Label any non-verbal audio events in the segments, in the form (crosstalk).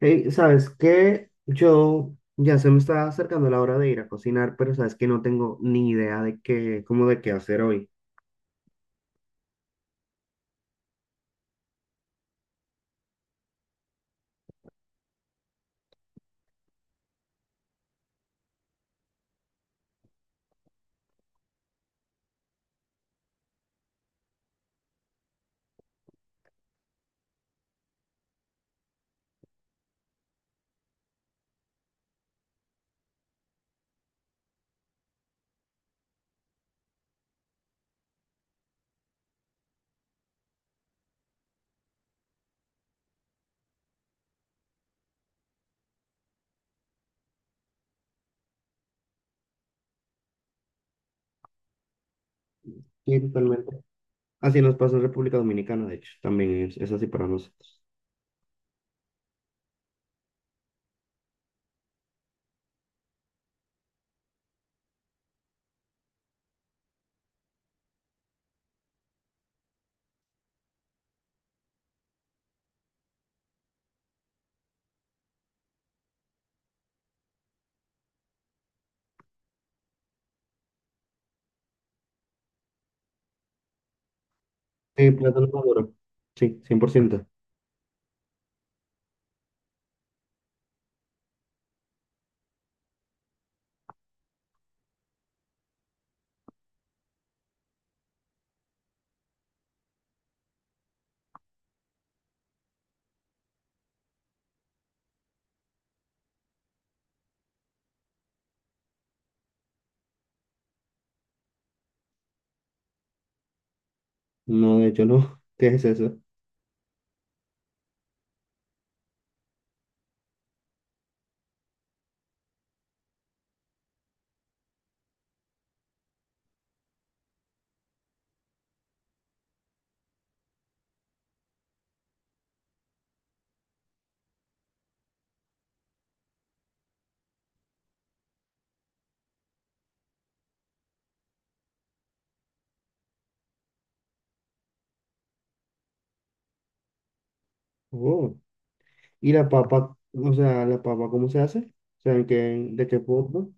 Hey, ¿sabes qué? Yo ya se me está acercando la hora de ir a cocinar, pero sabes que no tengo ni idea cómo de qué hacer hoy. Sí, totalmente. Así nos pasa en República Dominicana, de hecho, también es así para nosotros. Sí, plátano maduro. Sí, 100%. No, de hecho no. (laughs) ¿Qué es eso? Oh. ¿Y la papa? O sea, ¿la papa cómo se hace? O sea, ¿ de qué forma?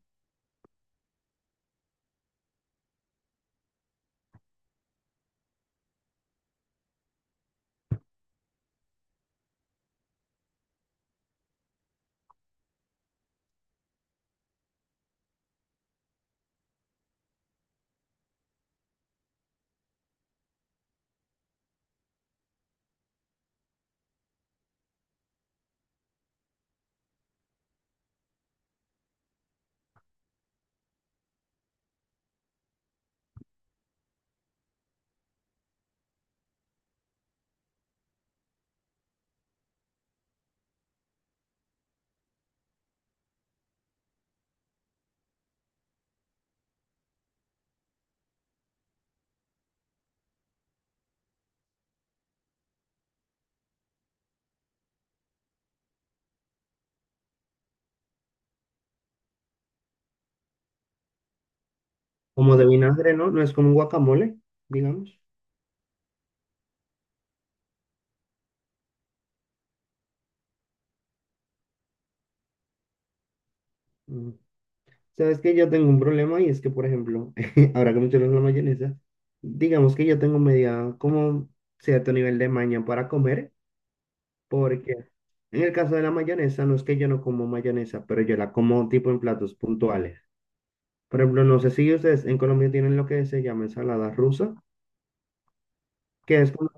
Como de vinagre, ¿no? No es como un guacamole, digamos. Mm. Sabes que yo tengo un problema y es que, por ejemplo, (laughs) ahora que mencionas la mayonesa, digamos que yo tengo media como cierto nivel de maña para comer, porque en el caso de la mayonesa, no es que yo no como mayonesa, pero yo la como tipo en platos puntuales. Por ejemplo, no sé si ustedes en Colombia tienen lo que se llama ensalada rusa, que es como,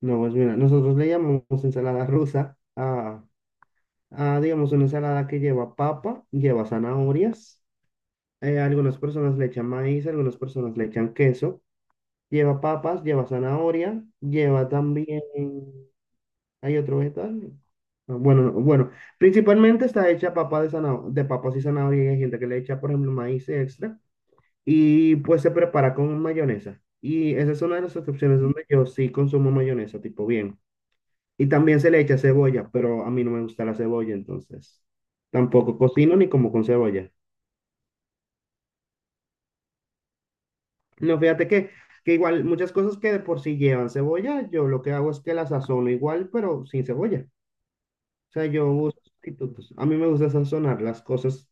no, pues mira, nosotros le llamamos ensalada rusa a digamos, una ensalada que lleva papa, lleva zanahorias, algunas personas le echan maíz, algunas personas le echan queso. Lleva papas, lleva zanahoria, lleva también, hay otro vegetal. No, bueno, no, bueno, principalmente está hecha papa de zanahoria, de papas y zanahoria, y hay gente que le echa, por ejemplo, maíz extra, y pues se prepara con mayonesa. Y esa es una de las excepciones donde yo sí consumo mayonesa, tipo bien. Y también se le echa cebolla, pero a mí no me gusta la cebolla, entonces tampoco cocino ni como con cebolla. No, fíjate que igual muchas cosas que de por sí llevan cebolla, yo lo que hago es que las sazono igual, pero sin cebolla. O sea, yo uso sustitutos. A mí me gusta sazonar las cosas,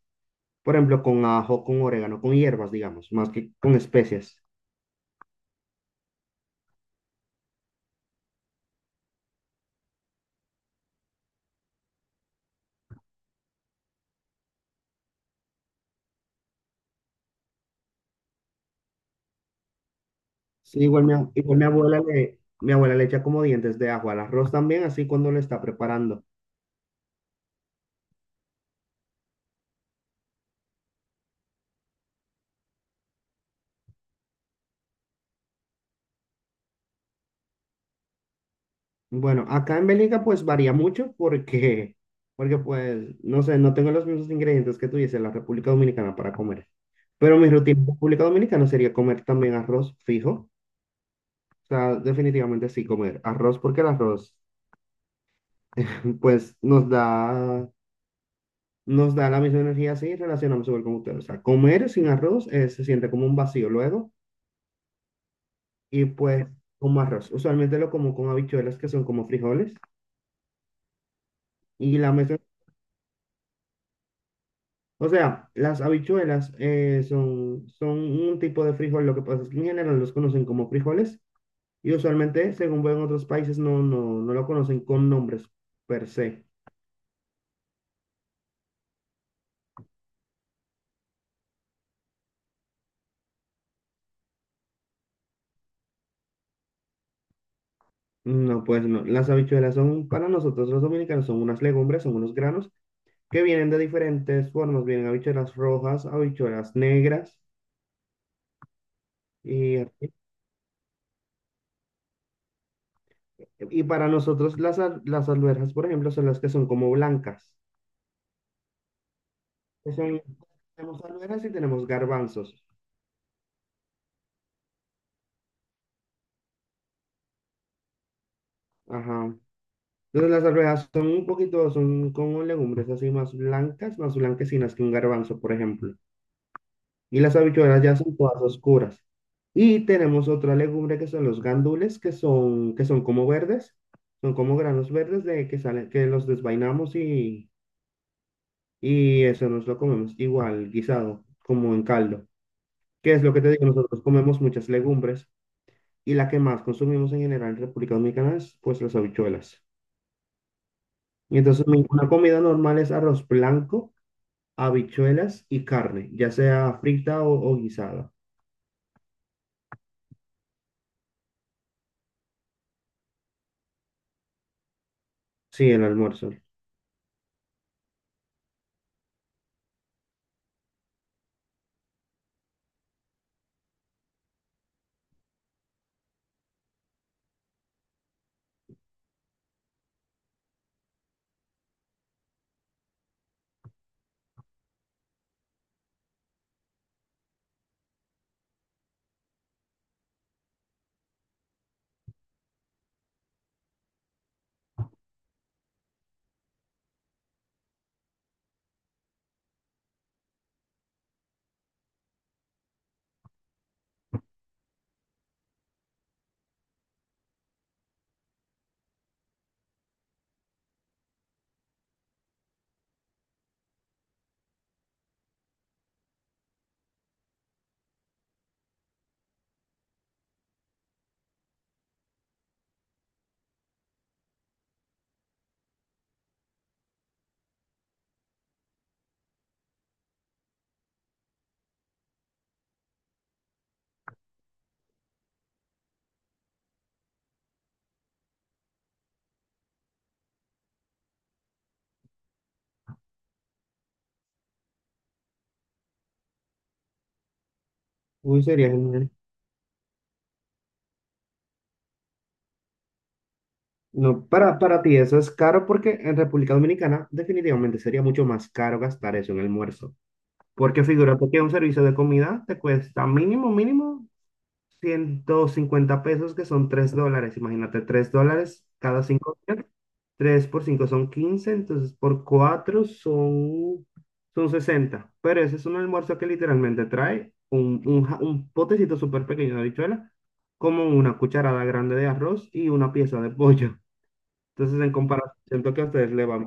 por ejemplo, con ajo, con orégano, con hierbas, digamos, más que con especias. Sí, igual mi abuela le echa como dientes de ajo al arroz también, así cuando lo está preparando. Bueno, acá en Bélgica pues varía mucho porque, (laughs) porque pues, no sé, no tengo los mismos ingredientes que tú dices en la República Dominicana para comer. Pero mi rutina en República Dominicana sería comer también arroz fijo. O sea, definitivamente sí comer arroz porque el arroz (laughs) pues nos da la misma energía, así relacionamos igual con ustedes. O sea, comer sin arroz se siente como un vacío luego y pues como arroz. Usualmente lo como con habichuelas que son como frijoles y la mezcla. O sea, las habichuelas son un tipo de frijol, lo que pasa es que en general los conocen como frijoles y usualmente, según veo en otros países, no, no, no lo conocen con nombres per se. No, pues no. Las habichuelas son, para nosotros los dominicanos, son unas legumbres, son unos granos que vienen de diferentes formas. Vienen habichuelas rojas, habichuelas negras y, y para nosotros las alberjas, por ejemplo, son las que son como blancas. que son- Tenemos alberjas y tenemos garbanzos. Ajá. No, las arvejas son un poquito, son como legumbres así más blancas, más blanquecinas que un garbanzo, por ejemplo. Y las habichuelas ya son todas oscuras. Y tenemos otra legumbre que son los gandules, que son como verdes, son como granos verdes de que salen, que los desvainamos y eso nos lo comemos igual, guisado, como en caldo. Qué es lo que te digo, nosotros comemos muchas legumbres y la que más consumimos en general en República Dominicana es pues las habichuelas. Y entonces una comida normal es arroz blanco, habichuelas y carne, ya sea frita o guisada. Sí, el almuerzo. Uy, sería genial. No, para ti eso es caro porque en República Dominicana definitivamente sería mucho más caro gastar eso en almuerzo. Porque figúrate que un servicio de comida te cuesta mínimo, mínimo 150 pesos, que son $3. Imagínate, $3 cada 5 3 por 5 son 15, entonces por 4 son, son sesenta. Pero ese es un almuerzo que literalmente trae un potecito súper pequeño de habichuela, como una cucharada grande de arroz y una pieza de pollo. Entonces, en comparación, siento que a ustedes le va.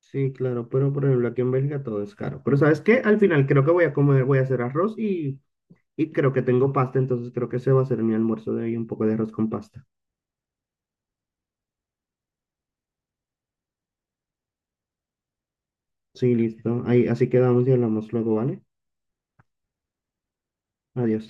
Sí, claro, pero por ejemplo, aquí en Bélgica todo es caro. Pero ¿sabes qué? Al final creo que voy a comer, voy a hacer arroz y creo que tengo pasta, entonces creo que ese va a ser mi almuerzo de hoy, un poco de arroz con pasta. Sí, listo. Ahí, así quedamos y hablamos luego, ¿vale? Adiós.